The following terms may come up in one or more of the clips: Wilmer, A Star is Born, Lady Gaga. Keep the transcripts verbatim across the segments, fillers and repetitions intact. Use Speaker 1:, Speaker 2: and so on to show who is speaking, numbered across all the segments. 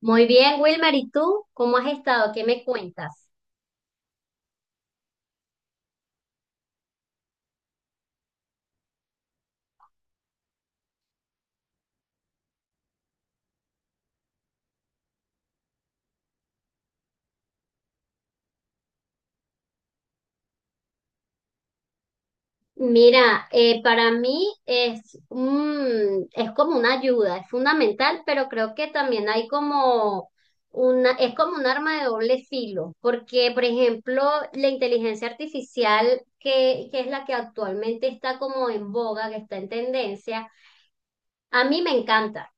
Speaker 1: Muy bien, Wilmer, ¿y tú cómo has estado? ¿Qué me cuentas? Mira, eh, para mí es un- es como una ayuda, es fundamental, pero creo que también hay como una, es como un arma de doble filo, porque, por ejemplo, la inteligencia artificial, que, que es la que actualmente está como en boga, que está en tendencia, a mí me encanta.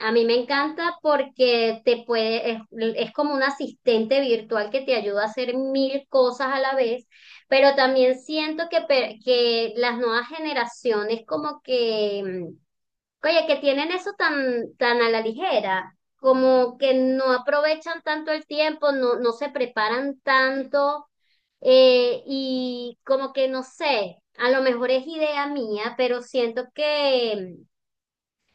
Speaker 1: A mí me encanta porque te puede, es, es como un asistente virtual que te ayuda a hacer mil cosas a la vez, pero también siento que, pe- que las nuevas generaciones como que, mm, oye, que tienen eso tan, tan a la ligera, como que no aprovechan tanto el tiempo, no, no se preparan tanto. Eh, y como que no sé, a lo mejor es idea mía, pero siento que mm,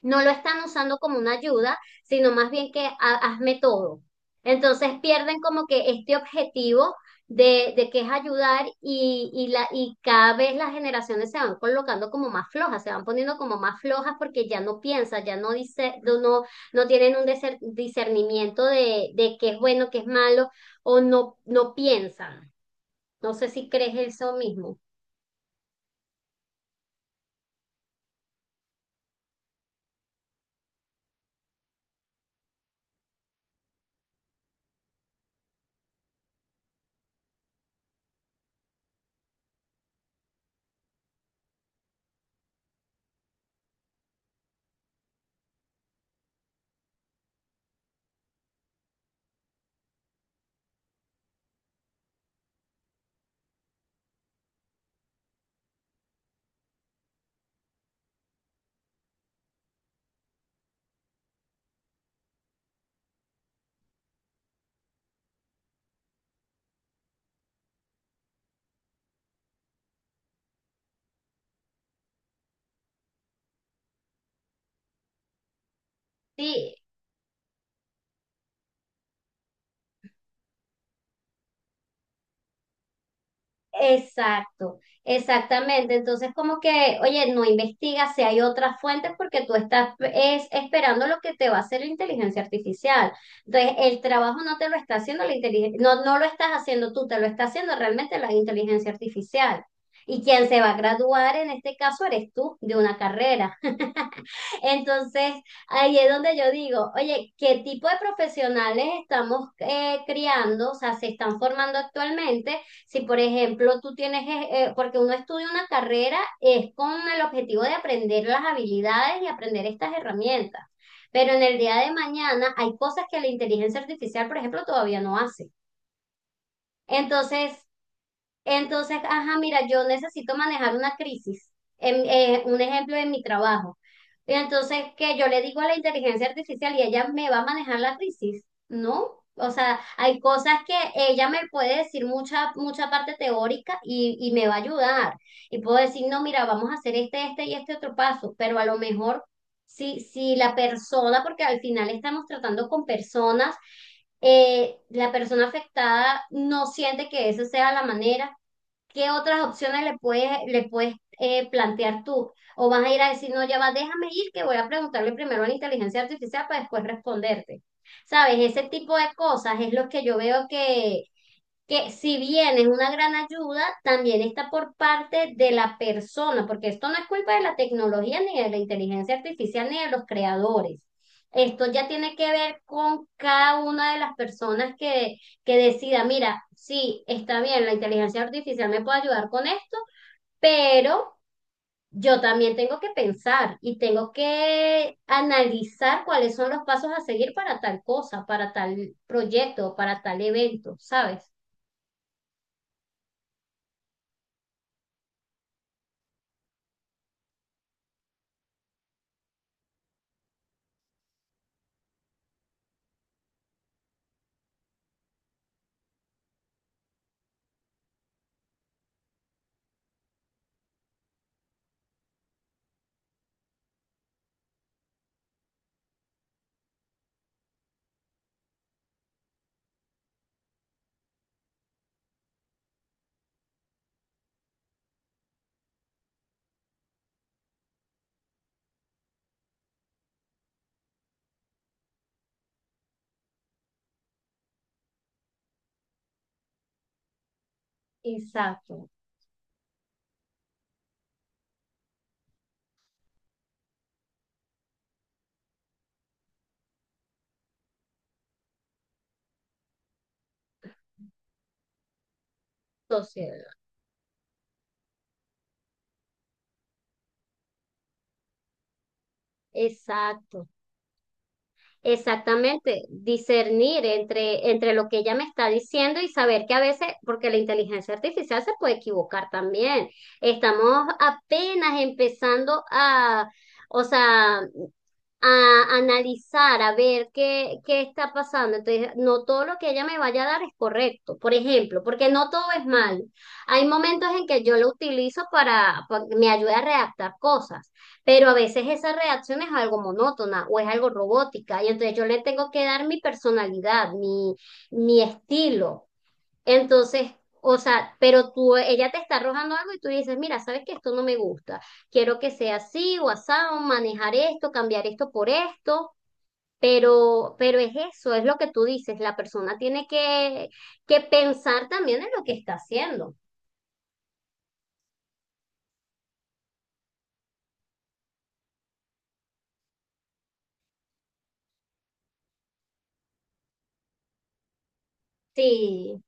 Speaker 1: no lo están usando como una ayuda, sino más bien que ha- hazme todo. Entonces pierden como que este objetivo de, de que es ayudar y, y, la, y cada vez las generaciones se van colocando como más flojas, se van poniendo como más flojas porque ya no piensan, ya no dice, no, no no tienen un deser- discernimiento de, de qué es bueno, qué es malo, o no, no piensan. No sé si crees eso mismo. Sí. Exacto, exactamente. Entonces, como que, oye, no investigas si hay otras fuentes porque tú estás es, esperando lo que te va a hacer la inteligencia artificial. Entonces, el trabajo no te lo está haciendo la inteligencia, no, no lo estás haciendo tú, te lo está haciendo realmente la inteligencia artificial. Y quien se va a graduar en este caso eres tú de una carrera. Entonces, ahí es donde yo digo, oye, ¿qué tipo de profesionales estamos eh, criando? O sea, se están formando actualmente. Si, por ejemplo, tú tienes, eh, eh, porque uno estudia una carrera, es con el objetivo de aprender las habilidades y aprender estas herramientas. Pero en el día de mañana hay cosas que la inteligencia artificial, por ejemplo, todavía no hace. Entonces, entonces, ajá, mira, yo necesito manejar una crisis, en- eh, un ejemplo en mi trabajo. Y entonces, que yo le digo a la inteligencia artificial y ella me va a manejar la crisis, ¿no? O sea, hay cosas que ella me puede decir mucha, mucha parte teórica y, y me va a ayudar. Y puedo decir, no, mira, vamos a hacer este, este y este otro paso, pero a lo mejor si, si la persona, porque al final estamos tratando con personas, eh, la persona afectada no siente que esa sea la manera. ¿Qué otras opciones le puedes, le puedes eh, plantear tú? O vas a ir a decir, no, ya va, déjame ir, que voy a preguntarle primero a la inteligencia artificial para después responderte. ¿Sabes? Ese tipo de cosas es lo que yo veo que que si bien es una gran ayuda, también está por parte de la persona, porque esto no es culpa de la tecnología, ni de la inteligencia artificial, ni de los creadores. Esto ya tiene que ver con cada una de las personas que, que decida, mira, sí, está bien, la inteligencia artificial me puede ayudar con esto, pero yo también tengo que pensar y tengo que analizar cuáles son los pasos a seguir para tal cosa, para tal proyecto, para tal evento, ¿sabes? Exacto. Sociedad. Exacto. Exactamente, discernir entre, entre lo que ella me está diciendo y saber que a veces, porque la inteligencia artificial se puede equivocar también. Estamos apenas empezando a, o sea, a analizar, a ver qué, qué está pasando. Entonces, no todo lo que ella me vaya a dar es correcto, por ejemplo, porque no todo es malo. Hay momentos en que yo lo utilizo para, para que me ayude a redactar cosas, pero a veces esa redacción es algo monótona o es algo robótica y entonces yo le tengo que dar mi personalidad, mi, mi estilo. Entonces, o sea, pero tú, ella te está arrojando algo y tú dices, mira, sabes que esto no me gusta, quiero que sea así o asado, manejar esto, cambiar esto por esto, pero, pero es eso, es lo que tú dices, la persona tiene que, que pensar también en lo que está haciendo. Sí.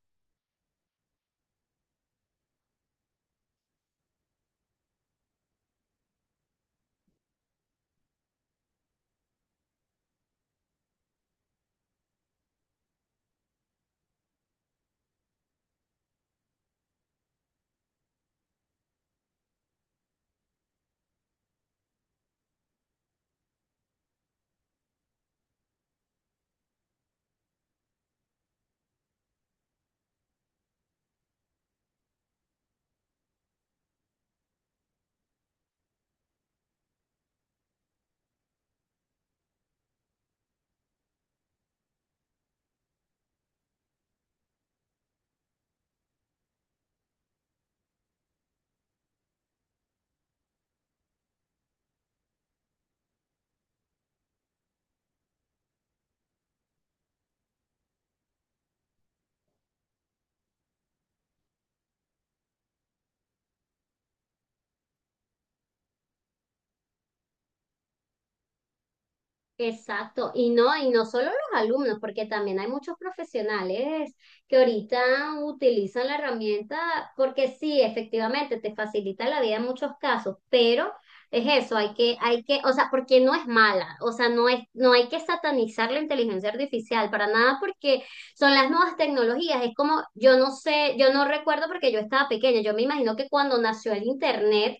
Speaker 1: Exacto, y no, y no solo los alumnos, porque también hay muchos profesionales que ahorita utilizan la herramienta, porque sí, efectivamente, te facilita la vida en muchos casos, pero es eso, hay que, hay que, o sea, porque no es mala, o sea, no es, no hay que satanizar la inteligencia artificial para nada, porque son las nuevas tecnologías, es como, yo no sé, yo no recuerdo porque yo estaba pequeña, yo me imagino que cuando nació el internet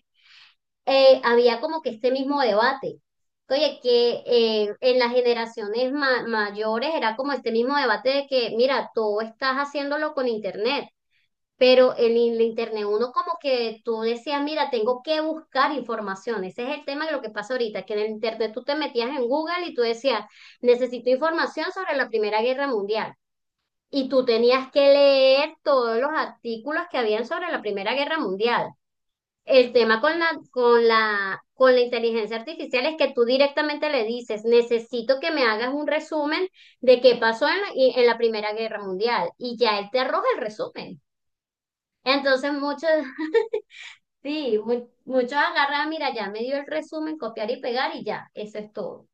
Speaker 1: eh, había como que este mismo debate. Oye, que eh, en las generaciones ma- mayores era como este mismo debate de que, mira, tú estás haciéndolo con internet, pero en el internet uno como que tú decías, mira, tengo que buscar información. Ese es el tema de lo que pasa ahorita, que en el internet tú te metías en Google y tú decías, necesito información sobre la Primera Guerra Mundial. Y tú tenías que leer todos los artículos que habían sobre la Primera Guerra Mundial. El tema con la, con la, con la inteligencia artificial es que tú directamente le dices, necesito que me hagas un resumen de qué pasó en la, y- en la Primera Guerra Mundial. Y ya él te arroja el resumen. Entonces muchos, sí, mu- muchos agarran, mira, ya me dio el resumen, copiar y pegar y ya, eso es todo. O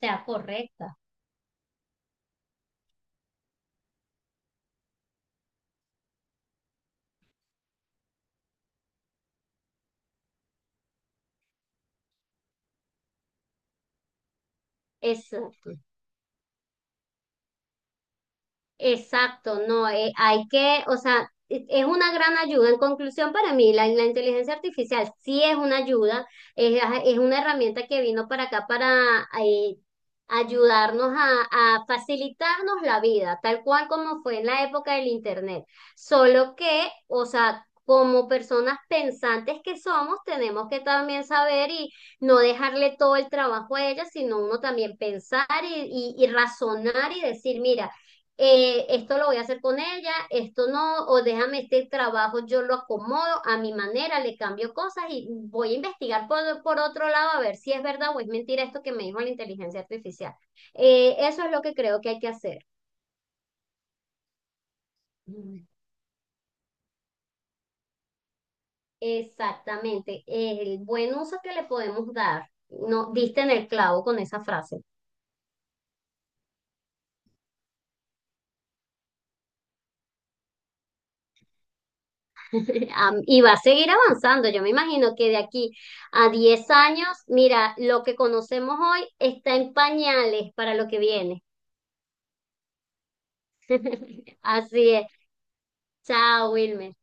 Speaker 1: sea, correcta. Eso. Exacto, no, eh, hay que, o sea, e- es una gran ayuda. En conclusión, para mí, la, la inteligencia artificial sí es una ayuda, es, es una herramienta que vino para acá para eh, ayudarnos a, a facilitarnos la vida, tal cual como fue en la época del Internet. Solo que, o sea, como personas pensantes que somos, tenemos que también saber y no dejarle todo el trabajo a ella, sino uno también pensar y, y y razonar y decir, mira, eh, esto lo voy a hacer con ella, esto no, o déjame este trabajo, yo lo acomodo a mi manera, le cambio cosas y voy a investigar por, por otro lado a ver si es verdad o es mentira esto que me dijo la inteligencia artificial. Eh, eso es lo que creo que hay que hacer. Mm. Exactamente, el buen uso que le podemos dar. No, diste en el clavo con esa frase. Am- Y va a seguir avanzando. Yo me imagino que de aquí a diez años, mira, lo que conocemos hoy está en pañales para lo que viene. Así es. Chao, Wilmer.